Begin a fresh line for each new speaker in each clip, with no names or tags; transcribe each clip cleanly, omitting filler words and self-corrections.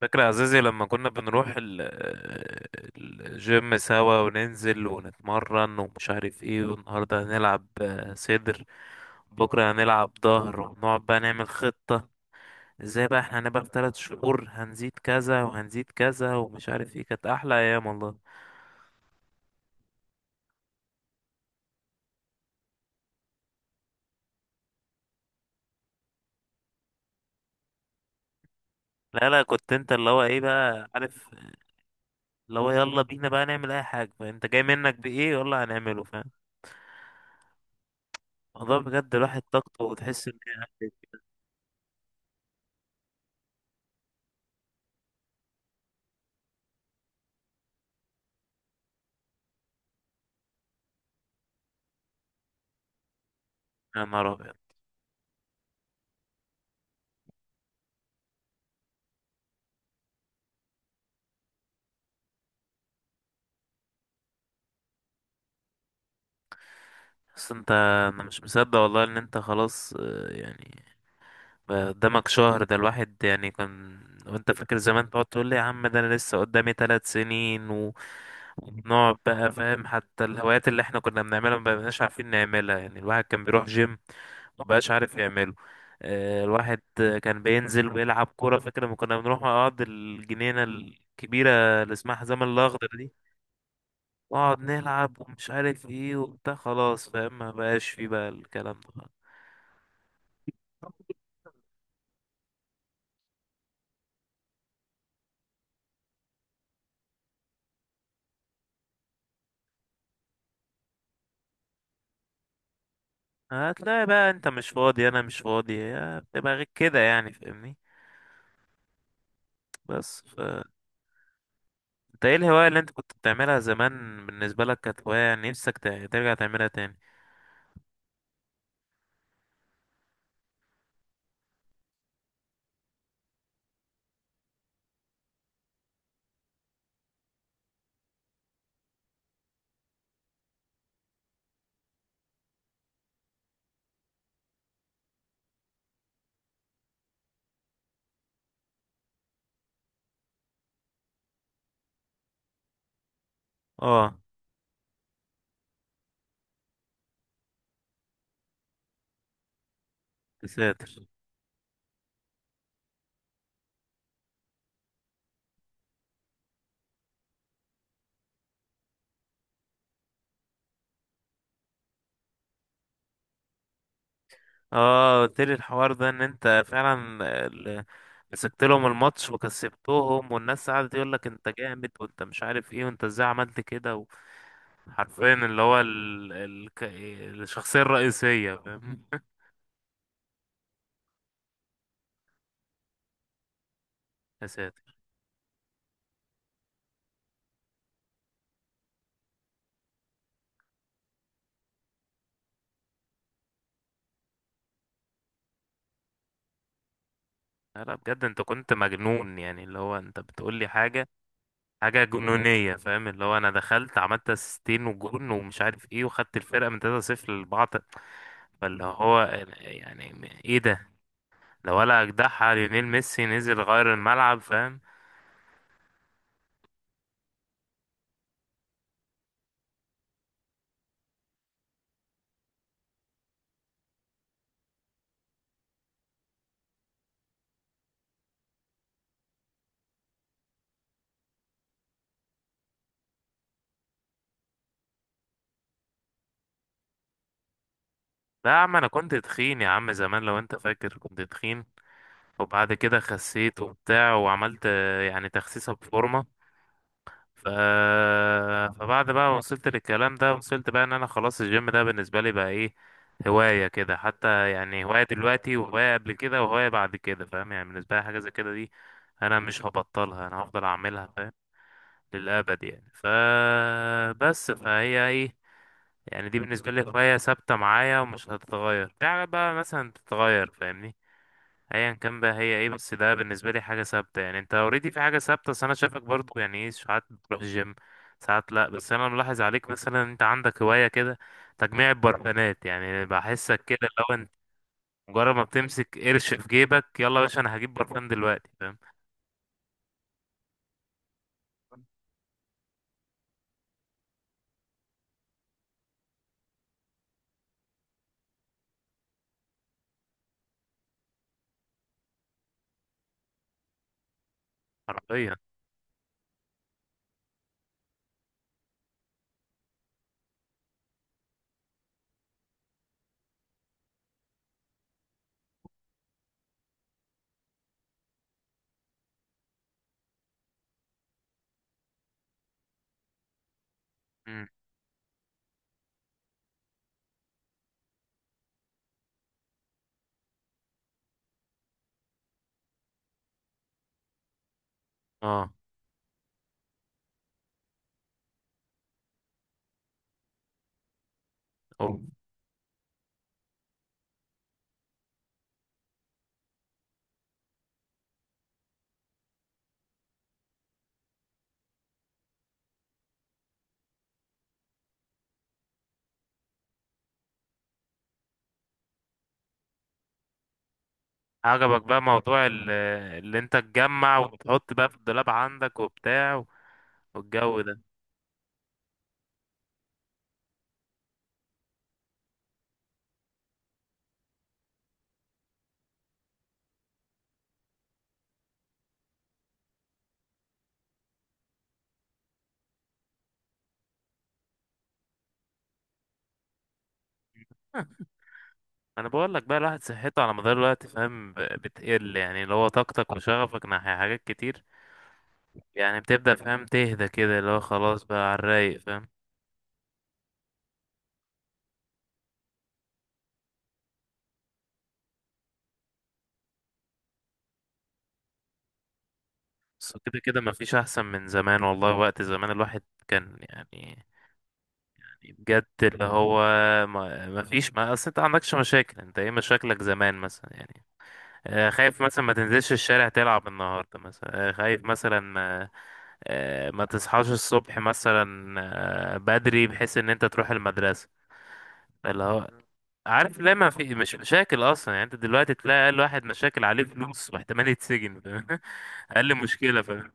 فاكر يا عزيزي لما كنا بنروح الجيم سوا وننزل ونتمرن ومش عارف ايه، والنهارده هنلعب صدر. بكرة هنلعب ظهر، ونقعد بقى نعمل خطة ازاي بقى احنا هنبقى في تلات شهور. هنزيد كذا وهنزيد كذا ومش عارف ايه، كانت أحلى أيام والله. لا لا، كنت انت اللي هو ايه بقى عارف، اللي هو يلا بينا بقى نعمل أي حاجة انت جاي منك بإيه يلا هنعمله، فاهم الموضوع بجد، الواحد طاقته وتحس ان هي. يا نهار أبيض. بس انت، انا مش مصدق والله ان انت خلاص يعني بقى قدامك شهر، ده الواحد يعني كان. وانت فاكر زمان تقعد تقول لي يا عم ده انا لسه قدامي ثلاث سنين وبنقعد بقى فاهم، حتى الهوايات اللي احنا كنا بنعملها ما بقيناش عارفين نعملها. يعني الواحد كان بيروح جيم ما بقاش عارف يعمله. الواحد كان بينزل ويلعب كورة. فاكر لما كنا بنروح نقعد الجنينة الكبيرة اللي اسمها حزام الأخضر دي، نقعد نلعب ومش عارف ايه وبتاع، خلاص فاهم ما بقاش فيه بقى الكلام ده. هتلاقي بقى انت مش فاضي انا مش فاضي، هي بتبقى غير كده يعني فاهمني. بس ف انت ايه الهواية اللي انت كنت بتعملها زمان؟ بالنسبة لك كانت هواية يعني نفسك ترجع تعملها تاني؟ اه. تساتر. اه قلت لي الحوار ده ان انت فعلا ال- مسكت لهم الماتش وكسبتهم، والناس قعدت يقول لك انت جامد وانت مش عارف ايه وانت ازاي عملت كده. حرفيا اللي هو الشخصية الرئيسية فاهم. يا ساتر. لا لا بجد، انت كنت مجنون، يعني اللي هو انت بتقول لي حاجه، حاجه جنونيه فاهم. اللي هو انا دخلت عملت اسيستين وجون ومش عارف ايه، وخدت الفرقه من 3-0 للبعض. فاللي هو يعني ايه ده؟ لو ولا اجدعها ليونيل ميسي نزل غير الملعب فاهم. لا يا عم، انا كنت تخين يا عم زمان، لو انت فاكر كنت تخين وبعد كده خسيت وبتاع، وعملت يعني تخسيسه بفورمه. ف... فبعد بقى ما وصلت للكلام ده، وصلت بقى ان انا خلاص الجيم ده بالنسبة لي بقى ايه، هواية كده حتى. يعني هواية دلوقتي وهواية قبل كده وهواية بعد كده فاهم، يعني بالنسبة لي حاجة زي كده دي، انا مش هبطلها، انا هفضل اعملها فاهم، للأبد يعني. ف بس فهي ايه يعني، دي بالنسبة لي هواية ثابتة معايا ومش هتتغير في حاجة بقى مثلا تتغير فاهمني. ايا كان بقى هي ايه، بس ده بالنسبه لي حاجه ثابته. يعني انت اوريدي في حاجه ثابته، بس انا شايفك برضو يعني ايه، ساعات بتروح الجيم ساعات لا. بس انا ملاحظ عليك مثلا انت عندك هوايه كده، تجميع البرفانات. يعني بحسك كده لو انت مجرد ما بتمسك قرش في جيبك، يلا يا باشا انا هجيب برفان دلوقتي فاهم، حرفيا. مم. اه. أوه. عجبك بقى موضوع اللي انت تجمع وتحط بقى في الدولاب عندك وبتاع، والجو ده. انا بقول لك بقى، الواحد صحته على مدار الوقت فاهم، بتقل. يعني اللي هو طاقتك وشغفك ناحية حاجات كتير، يعني بتبدأ فاهم تهدى كده، اللي هو خلاص بقى على الرايق فاهم. بس كده كده مفيش احسن من زمان والله. وقت زمان الواحد كان يعني بجد، اللي هو ما مفيش ما اصل انت عندكش مشاكل. انت ايه مشاكلك زمان مثلا؟ يعني خايف مثلا ما تنزلش الشارع تلعب النهارده مثلا، خايف مثلا ما ما تصحاش الصبح مثلا بدري بحيث ان انت تروح المدرسة، اللي هو عارف لما في مش مشاكل اصلا. يعني انت دلوقتي تلاقي اقل واحد مشاكل عليه فلوس واحتمال يتسجن فاهم؟ اقل مشكله فاهم.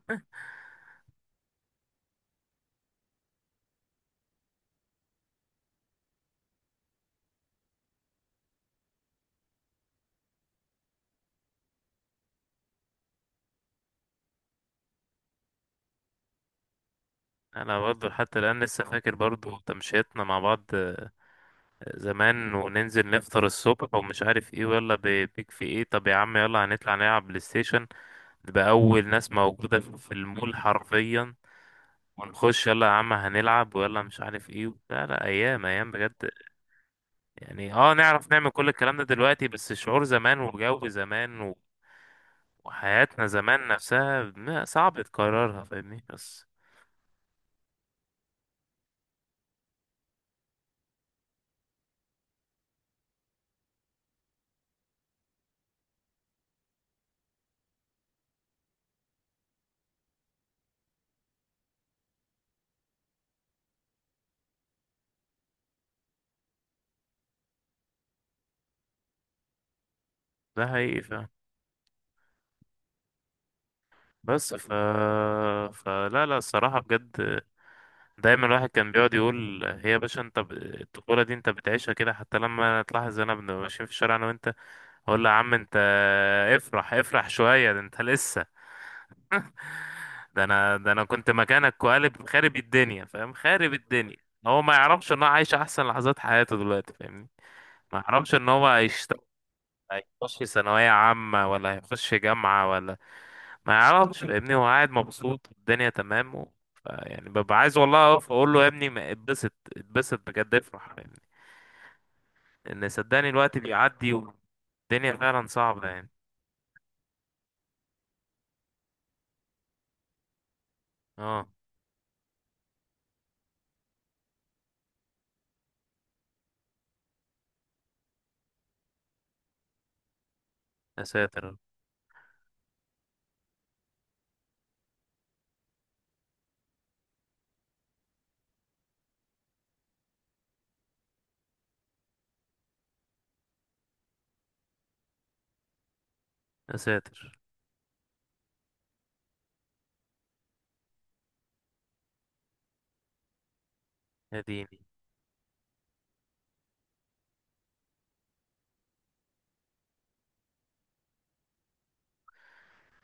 انا برضه حتى الان لسه فاكر برضه تمشيتنا مع بعض زمان، وننزل نفطر الصبح ومش عارف ايه، ولا بيك في ايه طب يا عم يلا هنطلع نلعب بلاي ستيشن، نبقى اول ناس موجوده في المول حرفيا، ونخش يلا يا عم هنلعب ويلا مش عارف ايه. لا لا، ايام ايام بجد يعني. اه، نعرف نعمل كل الكلام ده دلوقتي، بس شعور زمان وجو زمان وحياتنا زمان نفسها ما صعب تكررها فاهمني. بس ده حقيقي فاهم. بس ف... فلا لا الصراحة بجد، دايما الواحد كان بيقعد يقول هي يا باشا انت الطفولة دي انت بتعيشها كده. حتى لما تلاحظ انا بنبقى ماشيين في الشارع انا وانت، اقول له يا عم انت افرح افرح شوية، ده انت لسه، ده انا كنت مكانك وقالب خارب الدنيا فاهم، خارب الدنيا. هو ما يعرفش ان هو عايش احسن لحظات حياته دلوقتي فاهمني. ما يعرفش ان هو هيخش ثانوية عامة ولا هيخش جامعة ولا ما يعرفش فاهمني. هو قاعد مبسوط والدنيا تمام يعني ببقى عايز والله اقف اقول له يا ابني ما اتبسط اتبسط بجد افرح فاهمني. لان صدقني الوقت بيعدي والدنيا فعلا صعبة يعني. اه. يا ساتر يا ساتر. يا ديني.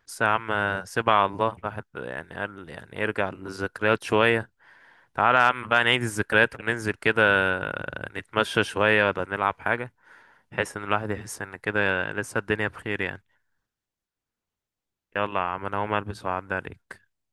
بس يا عم سيبها على الله، الواحد يعني قال يعني يرجع للذكريات شوية. تعالى يا عم بقى نعيد الذكريات وننزل كده نتمشى شوية ولا نلعب حاجة، بحيث ان الواحد يحس ان كده لسه الدنيا بخير يعني. يلا يا عم انا هقوم البس وأعدي عليك.